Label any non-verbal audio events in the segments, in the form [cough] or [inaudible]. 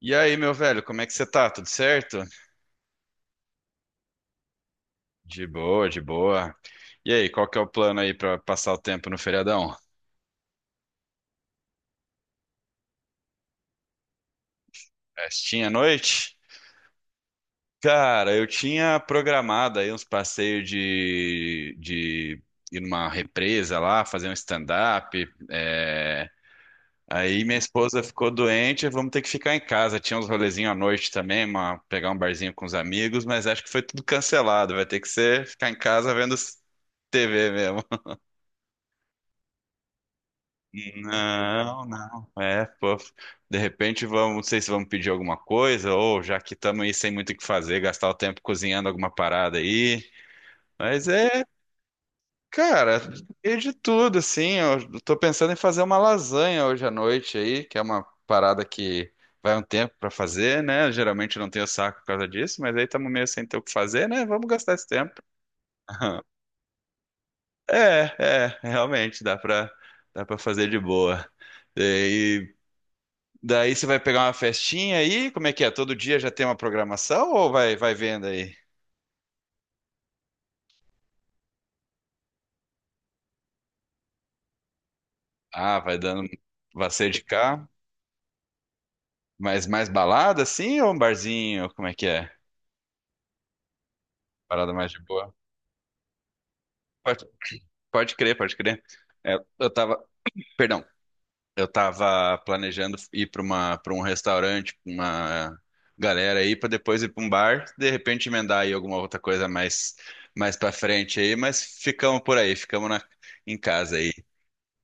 E aí, meu velho, como é que você tá? Tudo certo? De boa, de boa. E aí, qual que é o plano aí pra passar o tempo no feriadão? Festinha à noite? Cara, eu tinha programado aí uns passeios de ir numa represa lá, fazer um stand-up. É. Aí minha esposa ficou doente, vamos ter que ficar em casa. Tinha uns rolezinhos à noite também, pegar um barzinho com os amigos, mas acho que foi tudo cancelado. Vai ter que ser ficar em casa vendo TV mesmo. Não, não. É, pô. De repente vamos, não sei se vamos pedir alguma coisa, ou já que estamos aí sem muito o que fazer, gastar o tempo cozinhando alguma parada aí. Mas é, cara, é de tudo, assim. Eu tô pensando em fazer uma lasanha hoje à noite aí, que é uma parada que vai um tempo pra fazer, né? Geralmente eu não tenho saco por causa disso, mas aí estamos meio sem ter o que fazer, né? Vamos gastar esse tempo. [laughs] É, realmente dá pra fazer de boa. E Daí você vai pegar uma festinha aí, como é que é? Todo dia já tem uma programação ou vai vendo aí? Ah, vai dando vai ser de cá, mas mais balada assim ou um barzinho, como é que é? Parada mais de boa. Pode, pode crer, pode crer. É, perdão, eu tava planejando ir para um restaurante, pra uma galera aí para depois ir para um bar, de repente emendar aí alguma outra coisa mais para frente aí, mas ficamos por aí, em casa aí.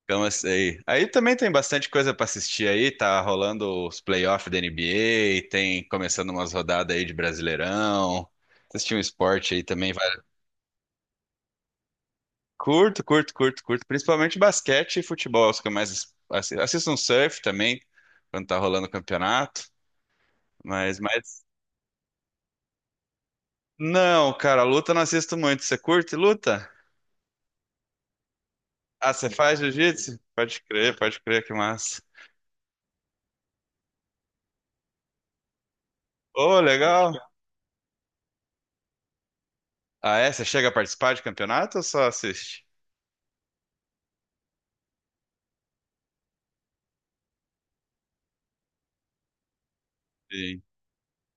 Gama aí. Aí também tem bastante coisa para assistir aí, tá rolando os playoffs da NBA, tem começando umas rodadas aí de Brasileirão. Assistir um esporte aí também vai. Curto, curto, curto, curto, principalmente basquete e futebol, os que eu mais assisto um surf também quando tá rolando o campeonato, mas não, cara, luta eu não assisto muito. Você curte luta? Ah, você faz jiu-jitsu? Pode crer que massa. Ô, legal. Ah, é? Você chega a participar de campeonato ou só assiste?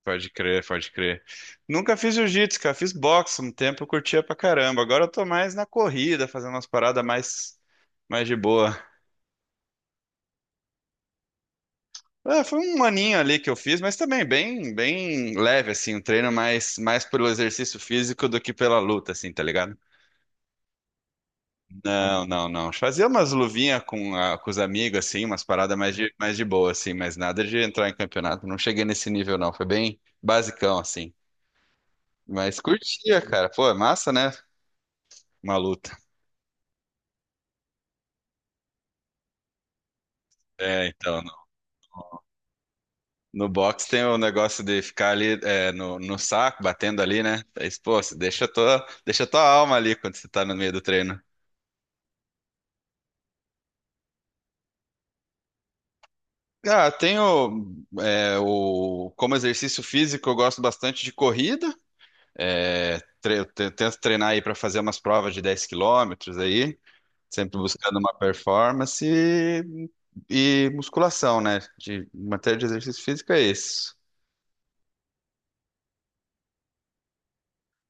Pode crer, pode crer. Nunca fiz jiu-jitsu, cara. Fiz boxe um tempo, eu curtia pra caramba. Agora eu tô mais na corrida, fazendo umas paradas mais de boa. É, foi um aninho ali que eu fiz, mas também bem, bem leve, assim. Um treino mais pelo exercício físico do que pela luta, assim, tá ligado? Não, não, não. Fazia umas luvinhas com os amigos, assim, umas paradas mais de boa, assim, mas nada de entrar em campeonato. Não cheguei nesse nível, não. Foi bem basicão, assim. Mas curtia, cara. Pô, é massa, né? Uma luta. É, então, no box tem o negócio de ficar ali no saco, batendo ali, né? Aí, pô, você deixa tua, alma ali quando você tá no meio do treino. Ah, tenho é, o, como exercício físico, eu gosto bastante de corrida. É, tento treinar aí para fazer umas provas de 10 quilômetros aí, sempre buscando uma performance e musculação, né? De matéria de exercício físico é isso.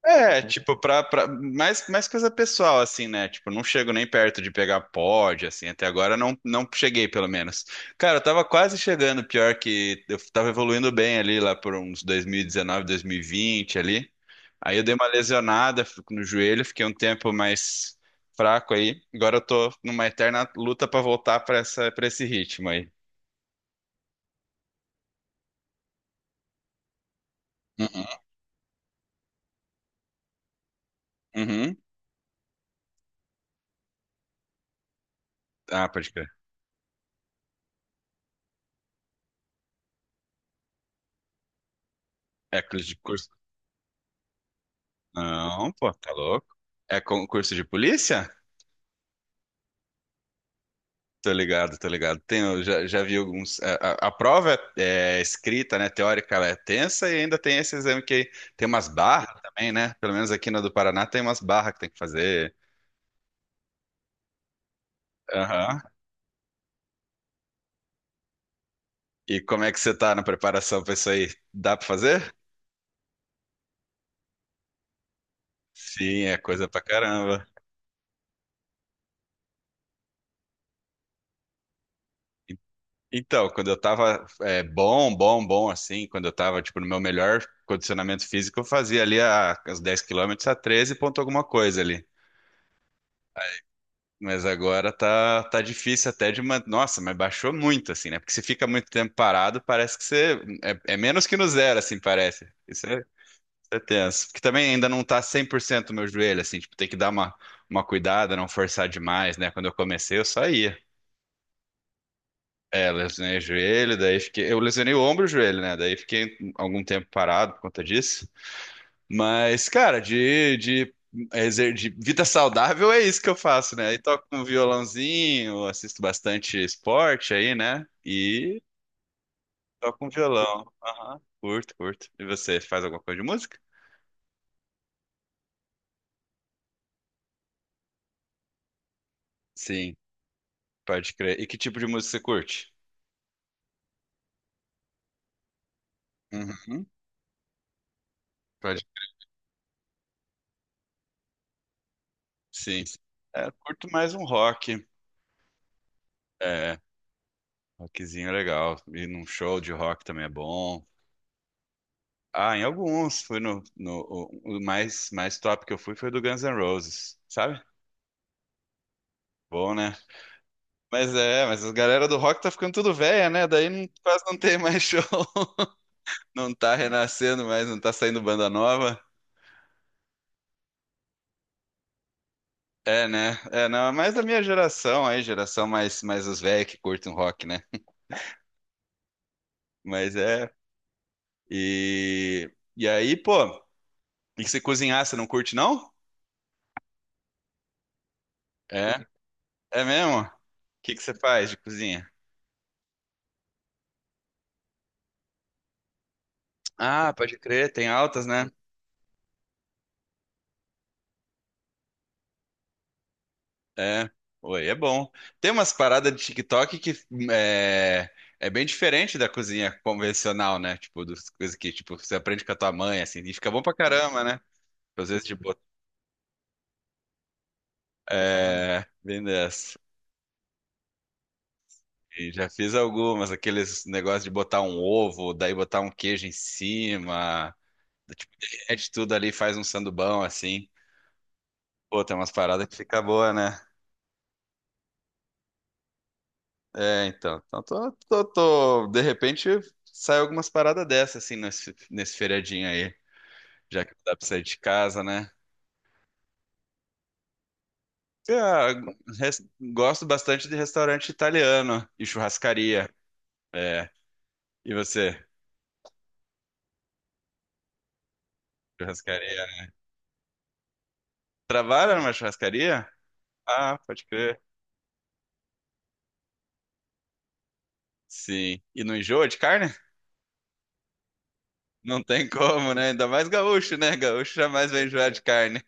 É, tipo, mais coisa pessoal, assim, né? Tipo, não chego nem perto de pegar pod, assim, até agora não, não cheguei, pelo menos. Cara, eu tava quase chegando, pior que eu tava evoluindo bem ali, lá por uns dois mil e dezenove, 2020 ali. Aí eu dei uma lesionada fico no joelho, fiquei um tempo mais fraco aí. Agora eu tô numa eterna luta pra voltar pra esse ritmo aí. Uhum, uhum. Ah, pode crer. É curso de curso. Não, pô, tá louco. É concurso de polícia? Tô ligado, tô ligado. Tem, eu já vi alguns. A prova é escrita, né? Teórica, ela é tensa e ainda tem esse exame que tem umas barras também, né? Pelo menos aqui na do Paraná tem umas barras que tem que fazer. Aham. E como é que você tá na preparação pra isso aí? Dá pra fazer? Sim, é coisa pra caramba. Então, quando eu tava bom, bom, bom, assim, quando eu tava, tipo, no meu melhor condicionamento físico, eu fazia ali os 10 quilômetros a 13 ponto alguma coisa ali. Mas agora tá difícil até de manter. Nossa, mas baixou muito, assim, né? Porque se fica muito tempo parado, parece que você. É menos que no zero, assim, parece. Isso é tenso. Porque também ainda não tá 100% o meu joelho, assim, tipo, tem que dar uma cuidada, não forçar demais, né? Quando eu comecei, eu só ia. É, lesionei o joelho, daí fiquei. Eu lesionei o ombro e o joelho, né? Daí fiquei algum tempo parado por conta disso. Mas, cara, de vida saudável é isso que eu faço, né? Aí toco um violãozinho, assisto bastante esporte aí, né? E toco um violão. Aham. Curto, curto. E você faz alguma coisa de música? Sim, pode crer. E que tipo de música você curte? Uhum, pode. Sim. É, eu curto mais um rock. É, rockzinho é legal. E num show de rock também é bom. Ah, em alguns. Fui no, no o mais top que eu fui foi do Guns N' Roses, sabe? Bom, né? Mas a galera do rock tá ficando tudo velha, né? Daí quase não tem mais show. [laughs] Não tá renascendo mais, não tá saindo banda nova. É, né? É, não, é mais da minha geração aí, geração mais os velhos que curtem rock, né? Mas é. E, e aí, pô, e que você cozinhar, você não curte, não? É? É mesmo? O que que você faz de cozinha? Ah, pode crer, tem altas, né. É, oi, é bom. Tem umas paradas de TikTok que é, é bem diferente da cozinha convencional, né? Tipo, das coisas que tipo, você aprende com a tua mãe, assim, e fica bom pra caramba, né? Às vezes, tipo, é, bem dessa. E já fiz algumas, aqueles negócios de botar um ovo, daí botar um queijo em cima, tipo, derrete tudo ali, faz um sandubão, assim. Pô, tem umas paradas que fica boa, né? É, então. Então, de repente sai algumas paradas dessas, assim, nesse feriadinho aí, já que não dá pra sair de casa, né? Ah, gosto bastante de restaurante italiano e churrascaria. É. E você? Churrascaria. Trabalha numa churrascaria? Ah, pode crer. Sim. E não enjoa de carne? Não tem como, né? Ainda mais gaúcho, né? Gaúcho jamais vai enjoar de carne.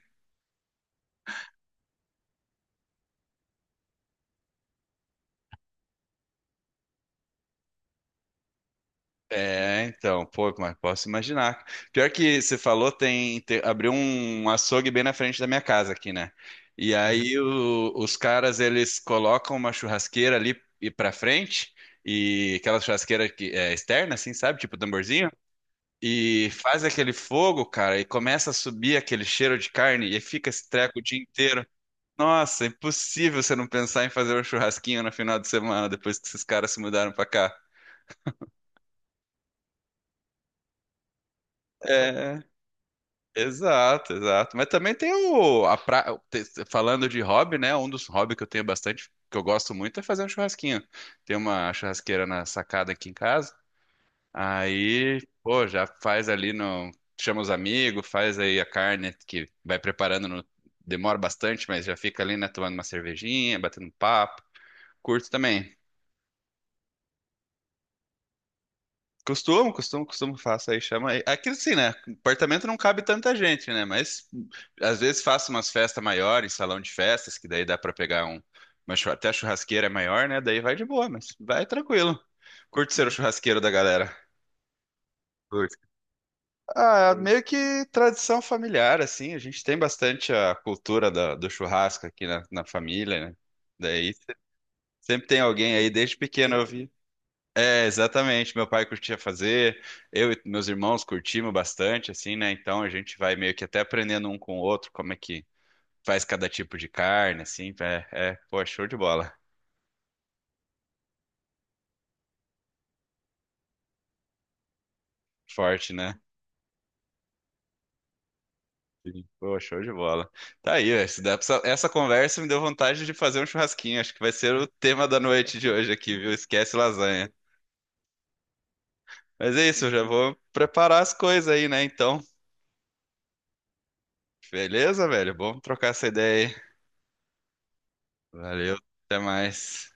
É, então, pô, mas posso imaginar. Pior que você falou, abriu um açougue bem na frente da minha casa aqui, né? E Uhum. Aí os caras, eles colocam uma churrasqueira ali e pra frente, e aquela churrasqueira que é externa, assim, sabe? Tipo tamborzinho. E faz aquele fogo, cara, e começa a subir aquele cheiro de carne, e fica esse treco o dia inteiro. Nossa, impossível você não pensar em fazer um churrasquinho no final de semana, depois que esses caras se mudaram pra cá. É, exato, exato. Mas também tem o a pra... te- falando de hobby, né? Um dos hobbies que eu tenho bastante, que eu gosto muito, é fazer um churrasquinho. Tem uma churrasqueira na sacada aqui em casa. Aí, pô, já faz ali no chama os amigos, faz aí a carne que vai preparando no... demora bastante, mas já fica ali, né, tomando uma cervejinha, batendo um papo. Curto também. Costumo, costumo, costumo, faço aí, chama aí. Aqui assim, né? Apartamento não cabe tanta gente, né? Mas às vezes faço umas festas maiores, salão de festas, que daí dá pra pegar até a churrasqueira é maior, né? Daí vai de boa, mas vai tranquilo. Curto ser o churrasqueiro da galera. Curto. Ah, meio que tradição familiar, assim. A gente tem bastante a cultura do churrasco aqui na família, né? Daí sempre tem alguém aí, desde pequeno eu vi. É, exatamente. Meu pai curtia fazer, eu e meus irmãos curtimos bastante, assim, né? Então a gente vai meio que até aprendendo um com o outro como é que faz cada tipo de carne, assim. É, pô, show de bola. Forte, né? Sim. Pô, show de bola. Tá aí, ó, isso essa conversa me deu vontade de fazer um churrasquinho. Acho que vai ser o tema da noite de hoje aqui, viu? Esquece lasanha. Mas é isso, eu já vou preparar as coisas aí, né? Então, beleza, velho? Bom trocar essa ideia aí. Valeu, até mais.